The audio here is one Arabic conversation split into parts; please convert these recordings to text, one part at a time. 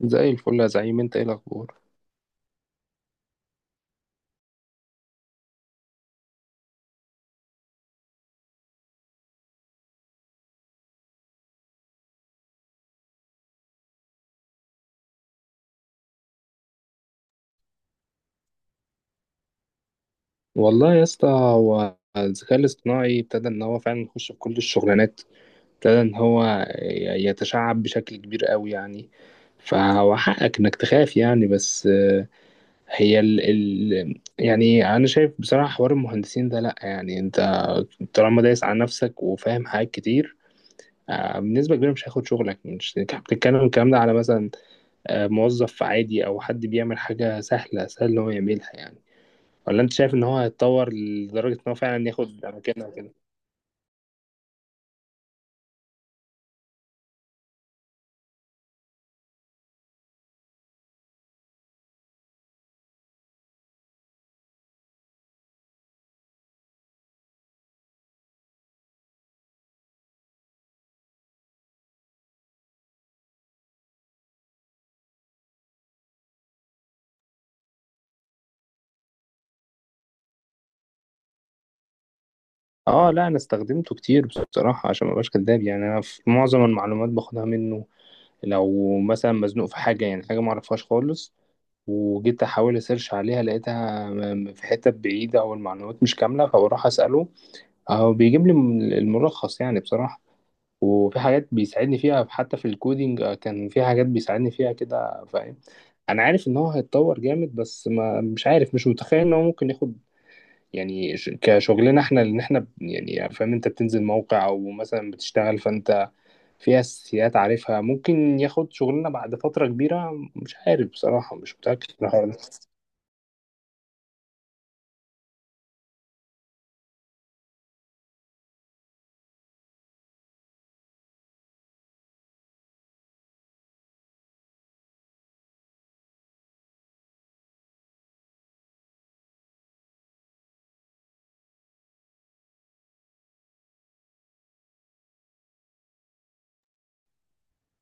زي الفل يا زعيم. انت ايه الاخبار؟ والله يا اسطى، هو الذكاء الاصطناعي ابتدى ان هو فعلا يخش في كل الشغلانات. ابتدى ان هو يتشعب بشكل كبير قوي يعني. فهو حقك انك تخاف يعني، بس هي ال يعني انا شايف بصراحة حوار المهندسين ده، لا يعني انت طالما دايس على نفسك وفاهم حاجات كتير، بنسبة كبيرة مش هياخد شغلك. مش انت بتتكلم الكلام ده على مثلا موظف عادي او حد بيعمل حاجة سهلة، سهل ان هو يعملها يعني؟ ولا انت شايف ان هو هيتطور لدرجة ان هو فعلا ياخد مكانه وكده؟ اه، لا انا استخدمته كتير بصراحة. عشان ما ابقاش كداب، يعني انا في معظم المعلومات باخدها منه. لو مثلا مزنوق في حاجة، يعني حاجة ما اعرفهاش خالص، وجيت احاول اسيرش عليها لقيتها في حتة بعيدة او المعلومات مش كاملة، فبروح اسأله او بيجيب لي الملخص يعني بصراحة. وفي حاجات بيساعدني فيها حتى في الكودينج، كان في حاجات بيساعدني فيها كده، فاهم؟ انا عارف ان هو هيتطور جامد، بس ما مش عارف، مش متخيل ان هو ممكن ياخد يعني كشغلنا احنا، ان احنا يعني فاهم، انت بتنزل موقع او مثلا بتشتغل فانت في اساسيات عارفها. ممكن ياخد شغلنا بعد فترة كبيرة؟ مش عارف بصراحة، مش متأكد من الحوار ده.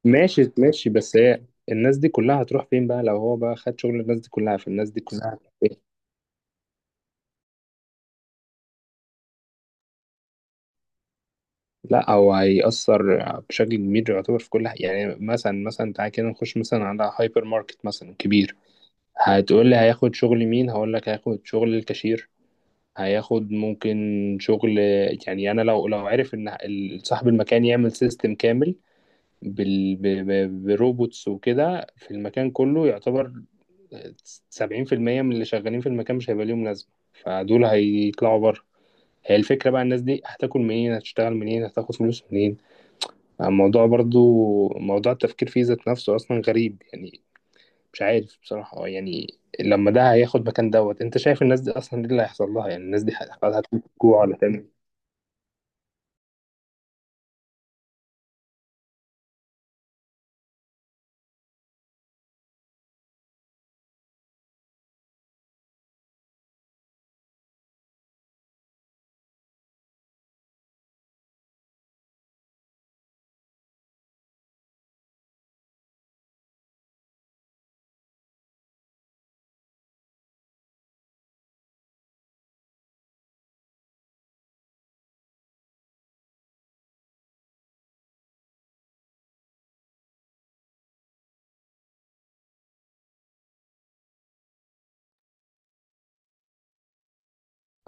ماشي ماشي، بس هي الناس دي كلها هتروح فين بقى؟ لو هو بقى خد شغل الناس دي كلها، فالناس دي كلها هتروح فين؟ لا، هو هيأثر بشكل كبير، يعتبر في كل حاجة. يعني مثلا مثلا تعالى كده نخش مثلا على هايبر ماركت مثلا كبير. هتقول لي هياخد شغل مين، هقول لك هياخد شغل الكاشير. هياخد ممكن شغل، يعني انا لو لو عرف ان صاحب المكان يعمل سيستم كامل بال ب- بروبوتس وكده في المكان كله، يعتبر 70% من اللي شغالين في المكان مش هيبقى ليهم لازمة، فدول هيطلعوا بره. هي الفكرة بقى، الناس دي هتاكل منين؟ هتشتغل منين؟ هتاخد فلوس منين؟ الموضوع برضو موضوع التفكير فيه ذات نفسه أصلا غريب يعني. مش عارف بصراحة، يعني لما ده هياخد مكان دوت، أنت شايف الناس دي أصلا إيه اللي هيحصل لها؟ يعني الناس دي هتجوع ولا تعمل؟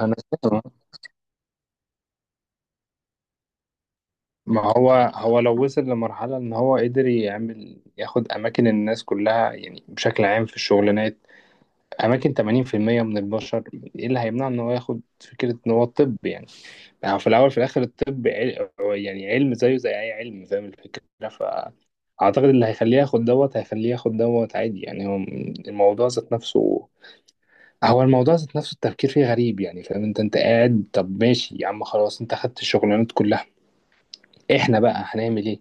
انا فاهم. ما هو، هو لو وصل لمرحله ان هو قدر يعمل، ياخد اماكن الناس كلها، يعني بشكل عام في الشغلانات، اماكن 80% من البشر، ايه اللي هيمنع ان هو ياخد فكره ان هو طب يعني؟ يعني في الاول في الاخر الطب يعني علم زيه زي اي علم، فاهم الفكره؟ فاعتقد اللي هيخليه ياخد دوت هيخليه ياخد دوت عادي يعني. هو الموضوع ذات نفسه، هو الموضوع ذات نفسه التفكير فيه غريب يعني، فاهم؟ انت انت قاعد طب، ماشي يا عم، خلاص انت خدت الشغلانات كلها، احنا بقى هنعمل ايه؟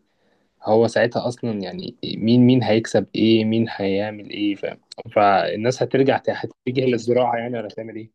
هو ساعتها اصلا يعني مين، مين هيكسب ايه، مين هيعمل ايه، فاهم؟ فالناس هترجع هتتجه للزراعه يعني، ولا هتعمل ايه؟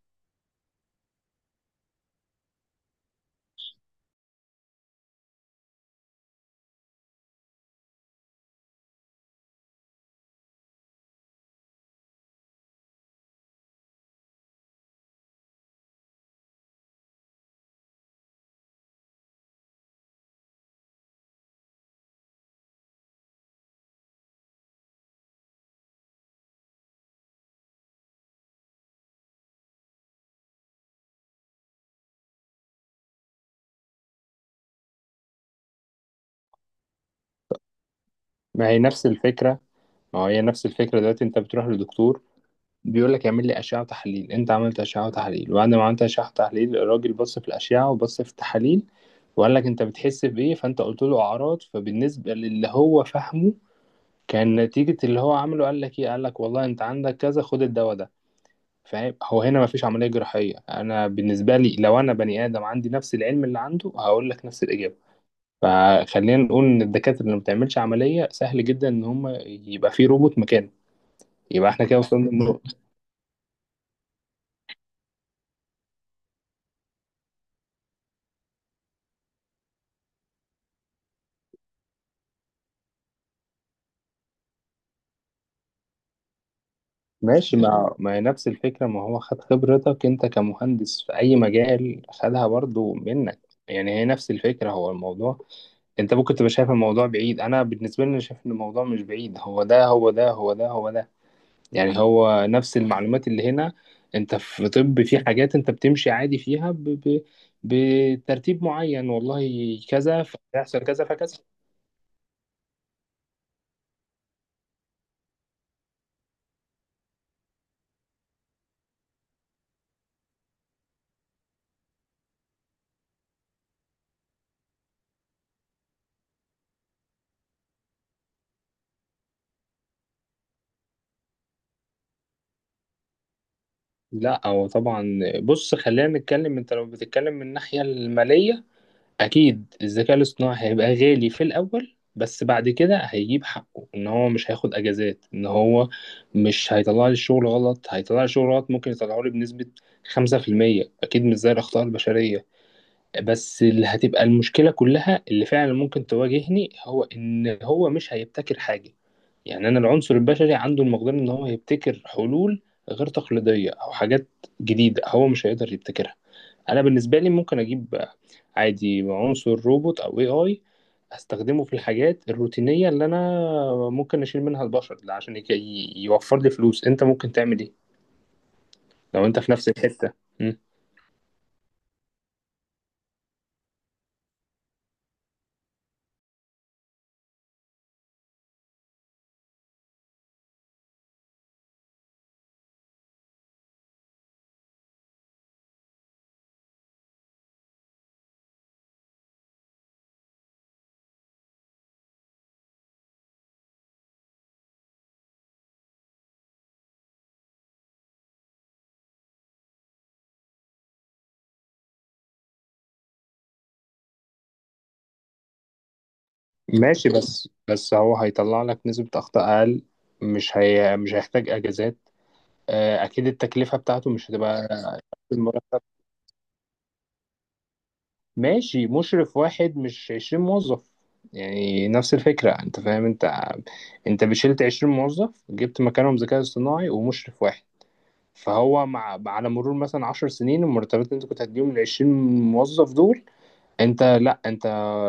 ما هي نفس الفكره. ما هو هي نفس الفكره. دلوقتي انت بتروح لدكتور بيقول لك اعمل لي اشعه وتحاليل. انت عملت اشعه وتحاليل، وبعد ما عملت اشعه وتحاليل الراجل بص في الاشعه وبص في التحاليل، وقال لك انت بتحس بايه، فانت قلت له اعراض. فبالنسبه للي هو فاهمه، كان نتيجه اللي هو عمله قال لك ايه، قال لك والله انت عندك كذا، خد الدواء ده. فاهم؟ هو هنا مفيش عملية جراحية. أنا بالنسبة لي، لو أنا بني آدم عندي نفس العلم اللي عنده، هقول لك نفس الإجابة. فخلينا نقول إن الدكاترة اللي ما بتعملش عملية سهل جدا إن هم يبقى في روبوت مكانه. يبقى إحنا كده وصلنا للنقطة. ماشي. ما هي نفس الفكرة. ما هو خد خبرتك أنت كمهندس في أي مجال، خدها برضو منك. يعني هي نفس الفكرة، هو الموضوع. أنت ممكن تبقى شايف الموضوع بعيد، أنا بالنسبة لي أنا شايف إن الموضوع مش بعيد. هو ده هو ده هو ده هو ده، يعني هو نفس المعلومات اللي هنا. انت في طب، في حاجات انت بتمشي عادي فيها بترتيب معين، والله كذا، فيحصل كذا فكذا. لا، هو طبعا، بص خلينا نتكلم. انت لو بتتكلم من الناحية المالية، اكيد الذكاء الاصطناعي هيبقى غالي في الاول، بس بعد كده هيجيب حقه. ان هو مش هياخد اجازات، ان هو مش هيطلع لي الشغل غلط. هيطلع لي الشغل غلط، ممكن يطلعه لي بنسبة 5%، اكيد مش زي الاخطاء البشرية. بس اللي هتبقى المشكلة كلها، اللي فعلا ممكن تواجهني، هو إن هو مش هيبتكر حاجة. يعني أنا العنصر البشري عنده المقدرة إن هو يبتكر حلول غير تقليدية أو حاجات جديدة، هو مش هيقدر يبتكرها. أنا بالنسبة لي ممكن أجيب عادي عنصر روبوت أو اي آي، أستخدمه في الحاجات الروتينية اللي أنا ممكن أشيل منها البشر ده، عشان يوفر لي فلوس. أنت ممكن تعمل إيه لو أنت في نفس الحتة؟ ماشي، بس بس هو هيطلع لك نسبة أخطاء أقل، مش هيحتاج أجازات. أكيد التكلفة بتاعته مش هتبقى قد المرتب. ماشي، مشرف واحد مش 20 موظف. يعني نفس الفكرة، أنت فاهم؟ أنت أنت بشلت 20 موظف جبت مكانهم ذكاء اصطناعي ومشرف واحد. فهو مع على مرور مثلا 10 سنين، المرتبات اللي أنت كنت هتديهم لل20 موظف دول، انت لا انت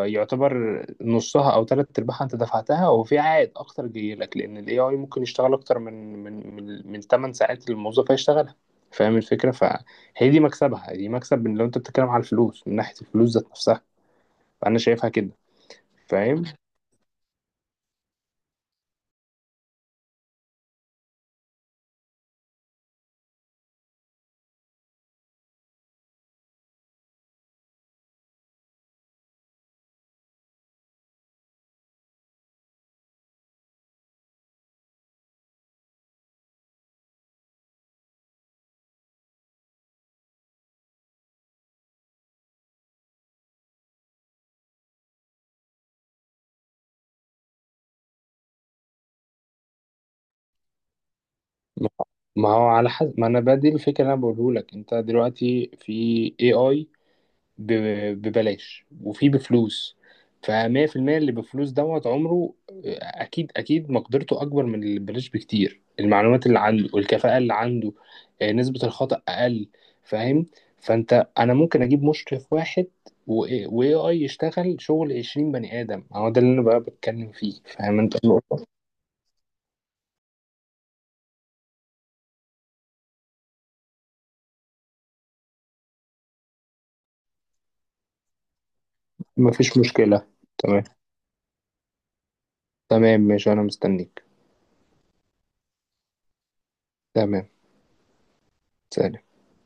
يعتبر نصها او ثلاث ارباعها انت دفعتها، وفي عائد اكتر جاي لك، لان الاي اي ممكن يشتغل اكتر من 8 ساعات اللي الموظف هيشتغلها، فاهم الفكره؟ فهي دي مكسبها، دي مكسب. من لو انت بتتكلم على الفلوس، من ناحيه الفلوس ذات نفسها، فانا شايفها كده. فاهم؟ ما ما هو على حسب ما انا بدي الفكره اللي انا بقوله لك، انت دلوقتي في اي اي ببلاش وفي بفلوس. فمية في المية اللي بفلوس دوت عمره أكيد، أكيد مقدرته أكبر من اللي ببلاش بكتير. المعلومات اللي عنده والكفاءة اللي عنده، نسبة الخطأ أقل، فاهم؟ فأنت أنا ممكن أجيب مشرف واحد و AI يشتغل شغل 20 بني آدم. هو ده اللي أنا بقى بتكلم فيه، فاهم أنت النقطة؟ مفيش مشكلة. تمام. تمام ماشي، أنا مستنيك. تمام. سلام.